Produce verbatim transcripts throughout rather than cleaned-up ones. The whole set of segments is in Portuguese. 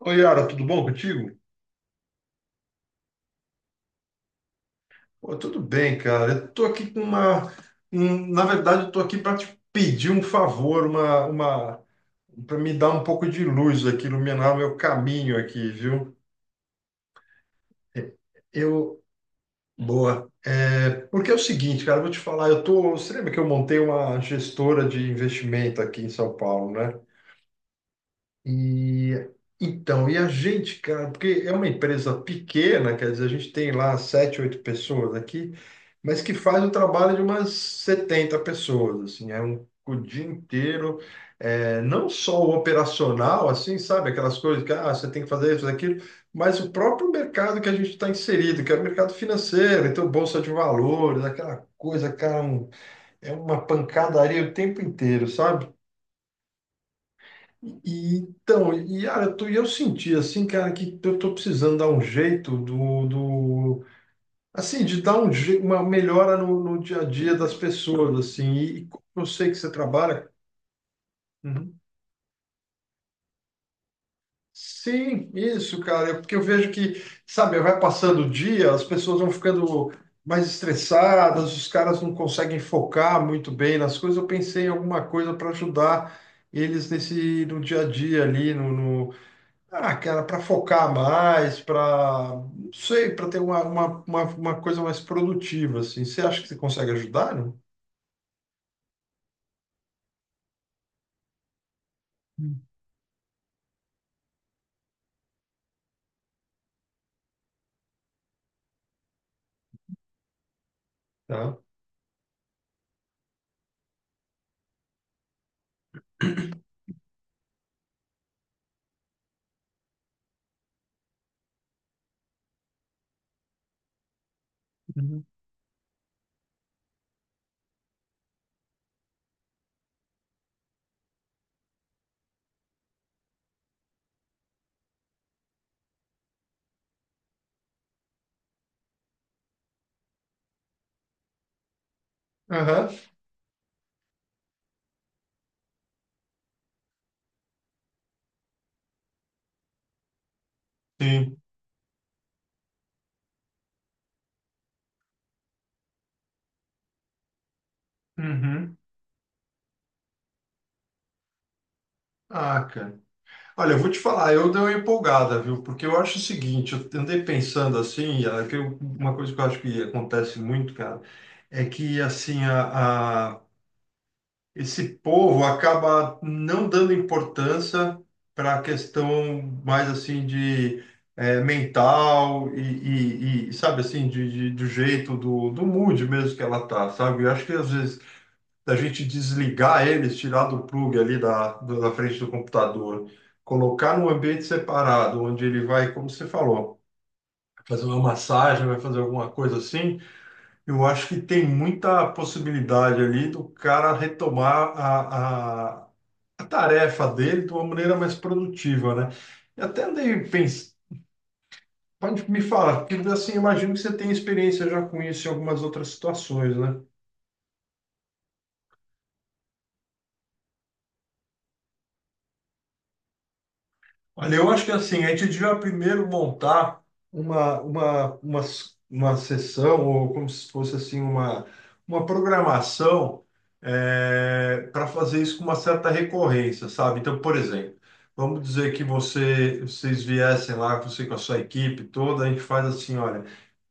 Oi, Yara, tudo bom contigo? Pô, tudo bem, cara. Eu tô aqui com uma. um- Na verdade, eu tô aqui para te pedir um favor, uma, uma... para me dar um pouco de luz aqui, iluminar o meu caminho aqui, viu? Eu. Boa. É, porque é o seguinte, cara, eu vou te falar, eu tô. Você lembra que eu montei uma gestora de investimento aqui em São Paulo, né? E então, e a gente, cara, porque é uma empresa pequena, quer dizer, a gente tem lá sete, oito pessoas aqui, mas que faz o trabalho de umas setenta pessoas, assim, é um o dia inteiro, é, não só o operacional, assim, sabe, aquelas coisas que ah, você tem que fazer isso, aquilo, mas o próprio mercado que a gente está inserido, que é o mercado financeiro, então bolsa de valores, aquela coisa, cara, um- é uma pancadaria o tempo inteiro, sabe? E então, e ah, eu, tô- e eu senti assim, cara, que eu tô precisando dar um jeito do, do assim, de dar um, je- uma melhora no, no dia a dia das pessoas, assim, e, e como eu sei que você trabalha. Uhum. Sim, isso, cara, é porque eu vejo que, sabe, vai passando o dia, as pessoas vão ficando mais estressadas, os caras não conseguem focar muito bem nas coisas. Eu pensei em alguma coisa para ajudar eles nesse no dia a dia ali, no, no- ah, cara, para focar mais, para, não sei, para ter uma, uma, uma, uma coisa mais produtiva, assim. Você acha que você consegue ajudar, não? Tá. Uhum. Aham. Sim. Uhum. Ah, cara. Olha, eu vou te falar, eu dei uma empolgada, viu? Porque eu acho o seguinte, eu andei pensando assim, é que eu- uma coisa que eu acho que acontece muito, cara, é que assim, a, a- esse povo acaba não dando importância para a questão mais assim de eh, mental e, e- e, sabe assim de, de- do jeito do, do mood mesmo que ela tá, sabe? Eu acho que às vezes a gente desligar eles, tirar do plug ali da, do- da frente do computador, colocar num ambiente separado, onde ele vai, como você falou, fazer uma massagem, vai fazer alguma coisa assim. Eu acho que tem muita possibilidade ali do cara retomar a, a tarefa dele de uma maneira mais produtiva, né? E até andei pensando, pode me falar, porque assim, imagino que você tem experiência já com isso em algumas outras situações, né? Olha, eu acho que assim, a gente devia primeiro montar uma, uma, uma, uma sessão, ou como se fosse assim, uma, uma programação para fazer isso com uma certa recorrência, sabe? Então, por exemplo, vamos dizer que você, vocês viessem lá, você com a sua equipe toda, a gente faz assim, olha.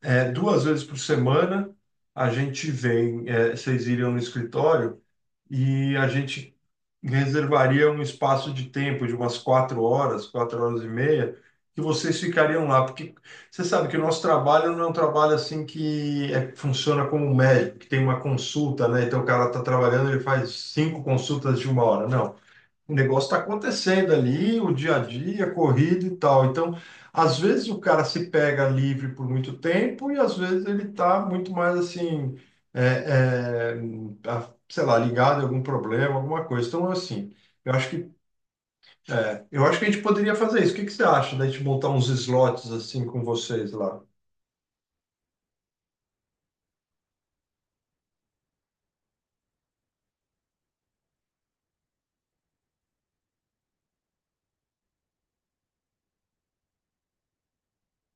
É, duas vezes por semana a gente vem, é, vocês iriam no escritório e a gente reservaria um espaço de tempo de umas quatro horas, quatro horas e meia, que vocês ficariam lá, porque você sabe que o nosso trabalho não é um trabalho assim que é- funciona como um médico, que tem uma consulta, né? Então o cara está trabalhando, ele faz cinco consultas de uma hora. Não, o negócio está acontecendo ali, o dia a dia, corrida e tal. Então, às vezes o cara se pega livre por muito tempo e às vezes ele está muito mais assim, é, é, a- sei lá, ligado a algum problema, alguma coisa. Então, assim, eu acho que, é, eu acho que a gente poderia fazer isso. O que que você acha da gente montar uns slots assim com vocês lá?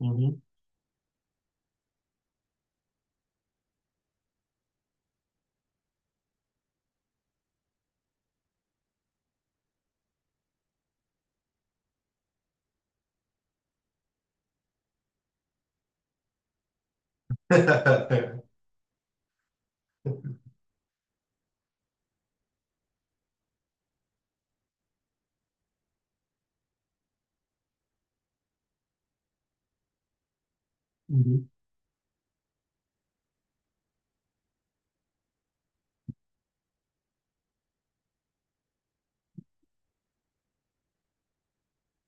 Uhum. Uhum.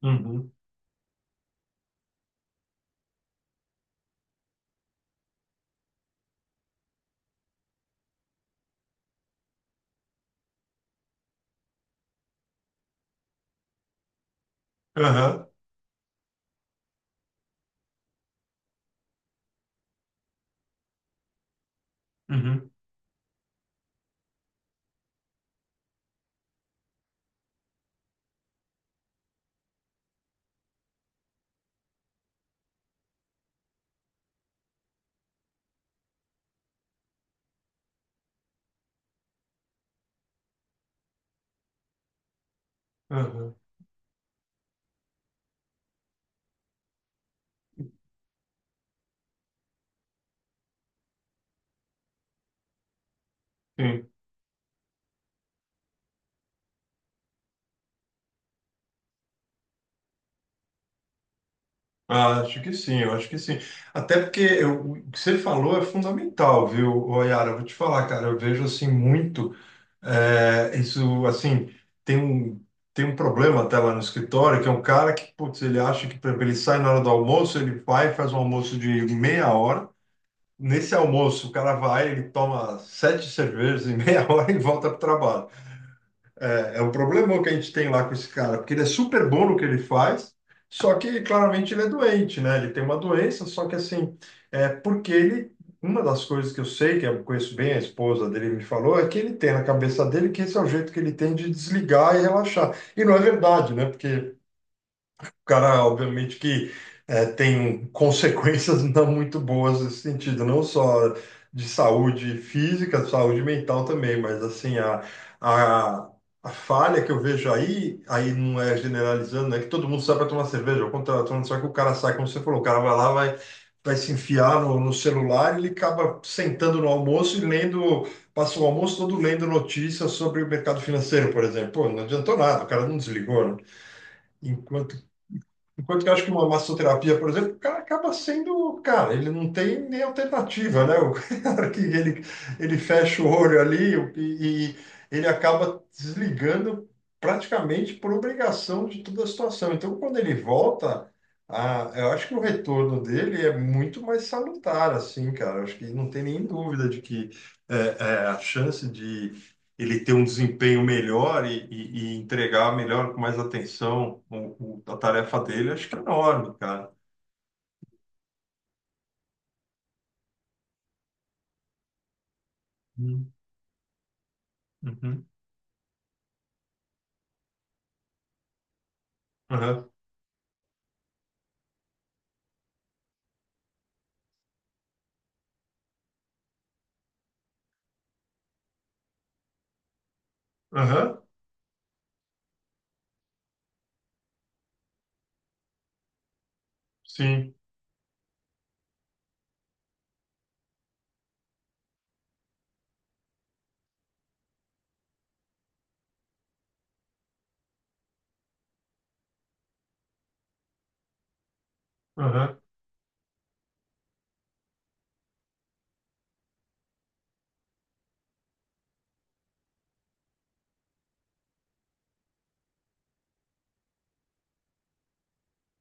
Uhum. Aham. Uhum. Aham. Sim. Ah, acho que sim, eu acho que sim. Até porque eu- o que você falou é fundamental, viu, ô, Yara? Eu vou te falar, cara, eu vejo assim muito. É, isso, assim, tem um, tem um problema até lá no escritório, que é um cara que, putz, ele acha que, por exemplo, ele sai na hora do almoço, ele vai e faz um almoço de meia hora. Nesse almoço, o cara vai, ele toma sete cervejas em meia hora e volta para o trabalho. É, é o problema que a gente tem lá com esse cara, porque ele é super bom no que ele faz, só que claramente ele é doente, né? Ele tem uma doença, só que assim, é porque ele. Uma das coisas que eu sei, que eu conheço bem, a esposa dele me falou, é que ele tem na cabeça dele que esse é o jeito que ele tem de desligar e relaxar. E não é verdade, né? Porque o cara, obviamente, que eh, tem consequências não muito boas nesse sentido, não só de saúde física, saúde mental também, mas assim, a, a, a falha que eu vejo aí, aí não é generalizando, né? Que todo mundo sai para tomar cerveja, ao contrário, todo mundo sai que o cara sai, como você falou, o cara vai lá, vai, vai se enfiar no, no celular, ele acaba sentando no almoço e lendo, passa o almoço todo lendo notícias sobre o mercado financeiro, por exemplo. Pô, não adiantou nada, o cara não desligou, né? Enquanto que eu acho que uma massoterapia, por exemplo, o cara acaba sendo, cara, ele não tem nem alternativa, né? O cara que ele, ele fecha o olho ali e, e ele acaba desligando praticamente por obrigação de toda a situação. Então, quando ele volta, a, eu acho que o retorno dele é muito mais salutar, assim, cara. Eu acho que não tem nem dúvida de que é, é, a chance de ele ter um desempenho melhor e, e- e entregar melhor, com mais atenção, o- o- a tarefa dele, acho que é enorme, cara. Uhum. Uhum. Aham. Aham. Sim. Aham.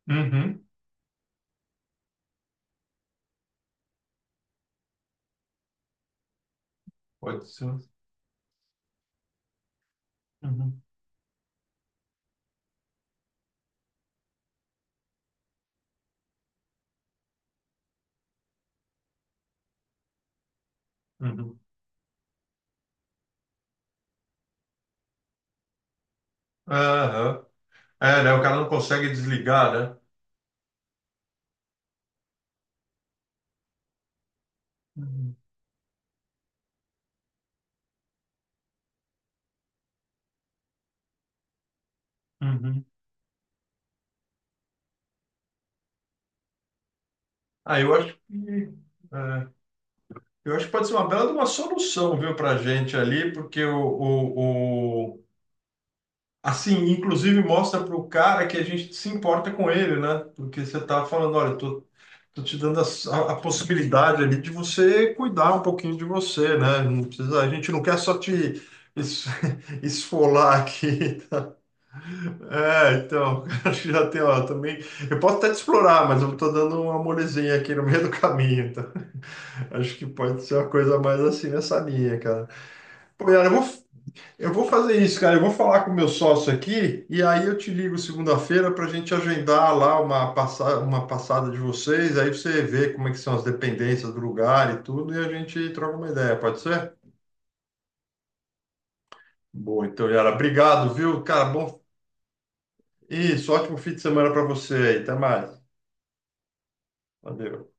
Uhum. Pode ser. Uhum. Uhum. Aham. É, né? O cara não consegue desligar, né? Uhum. Uhum. Ah, eu acho que. É, eu acho que pode ser uma bela de uma solução, viu, pra gente ali, porque o, o, assim, inclusive mostra para o cara que a gente se importa com ele, né? Porque você tá falando, olha, eu tô, tô te dando a, a possibilidade ali de você cuidar um pouquinho de você, né? Não precisa, a gente não quer só te es- esfolar aqui. É, então, acho que já tem, ó, também. Eu posso até te explorar, mas eu tô dando uma molezinha aqui no meio do caminho, tá? Acho que pode ser uma coisa mais assim nessa linha, cara. Pô, Yara, eu vou, eu vou fazer isso, cara. Eu vou falar com o meu sócio aqui e aí eu te ligo segunda-feira para a gente agendar lá uma, passa- uma passada de vocês. Aí você vê como é que são as dependências do lugar e tudo e a gente troca uma ideia, pode ser? Boa, então, Yara, obrigado, viu? Cara, bom. Isso, ótimo fim de semana para você aí. Até mais. Valeu.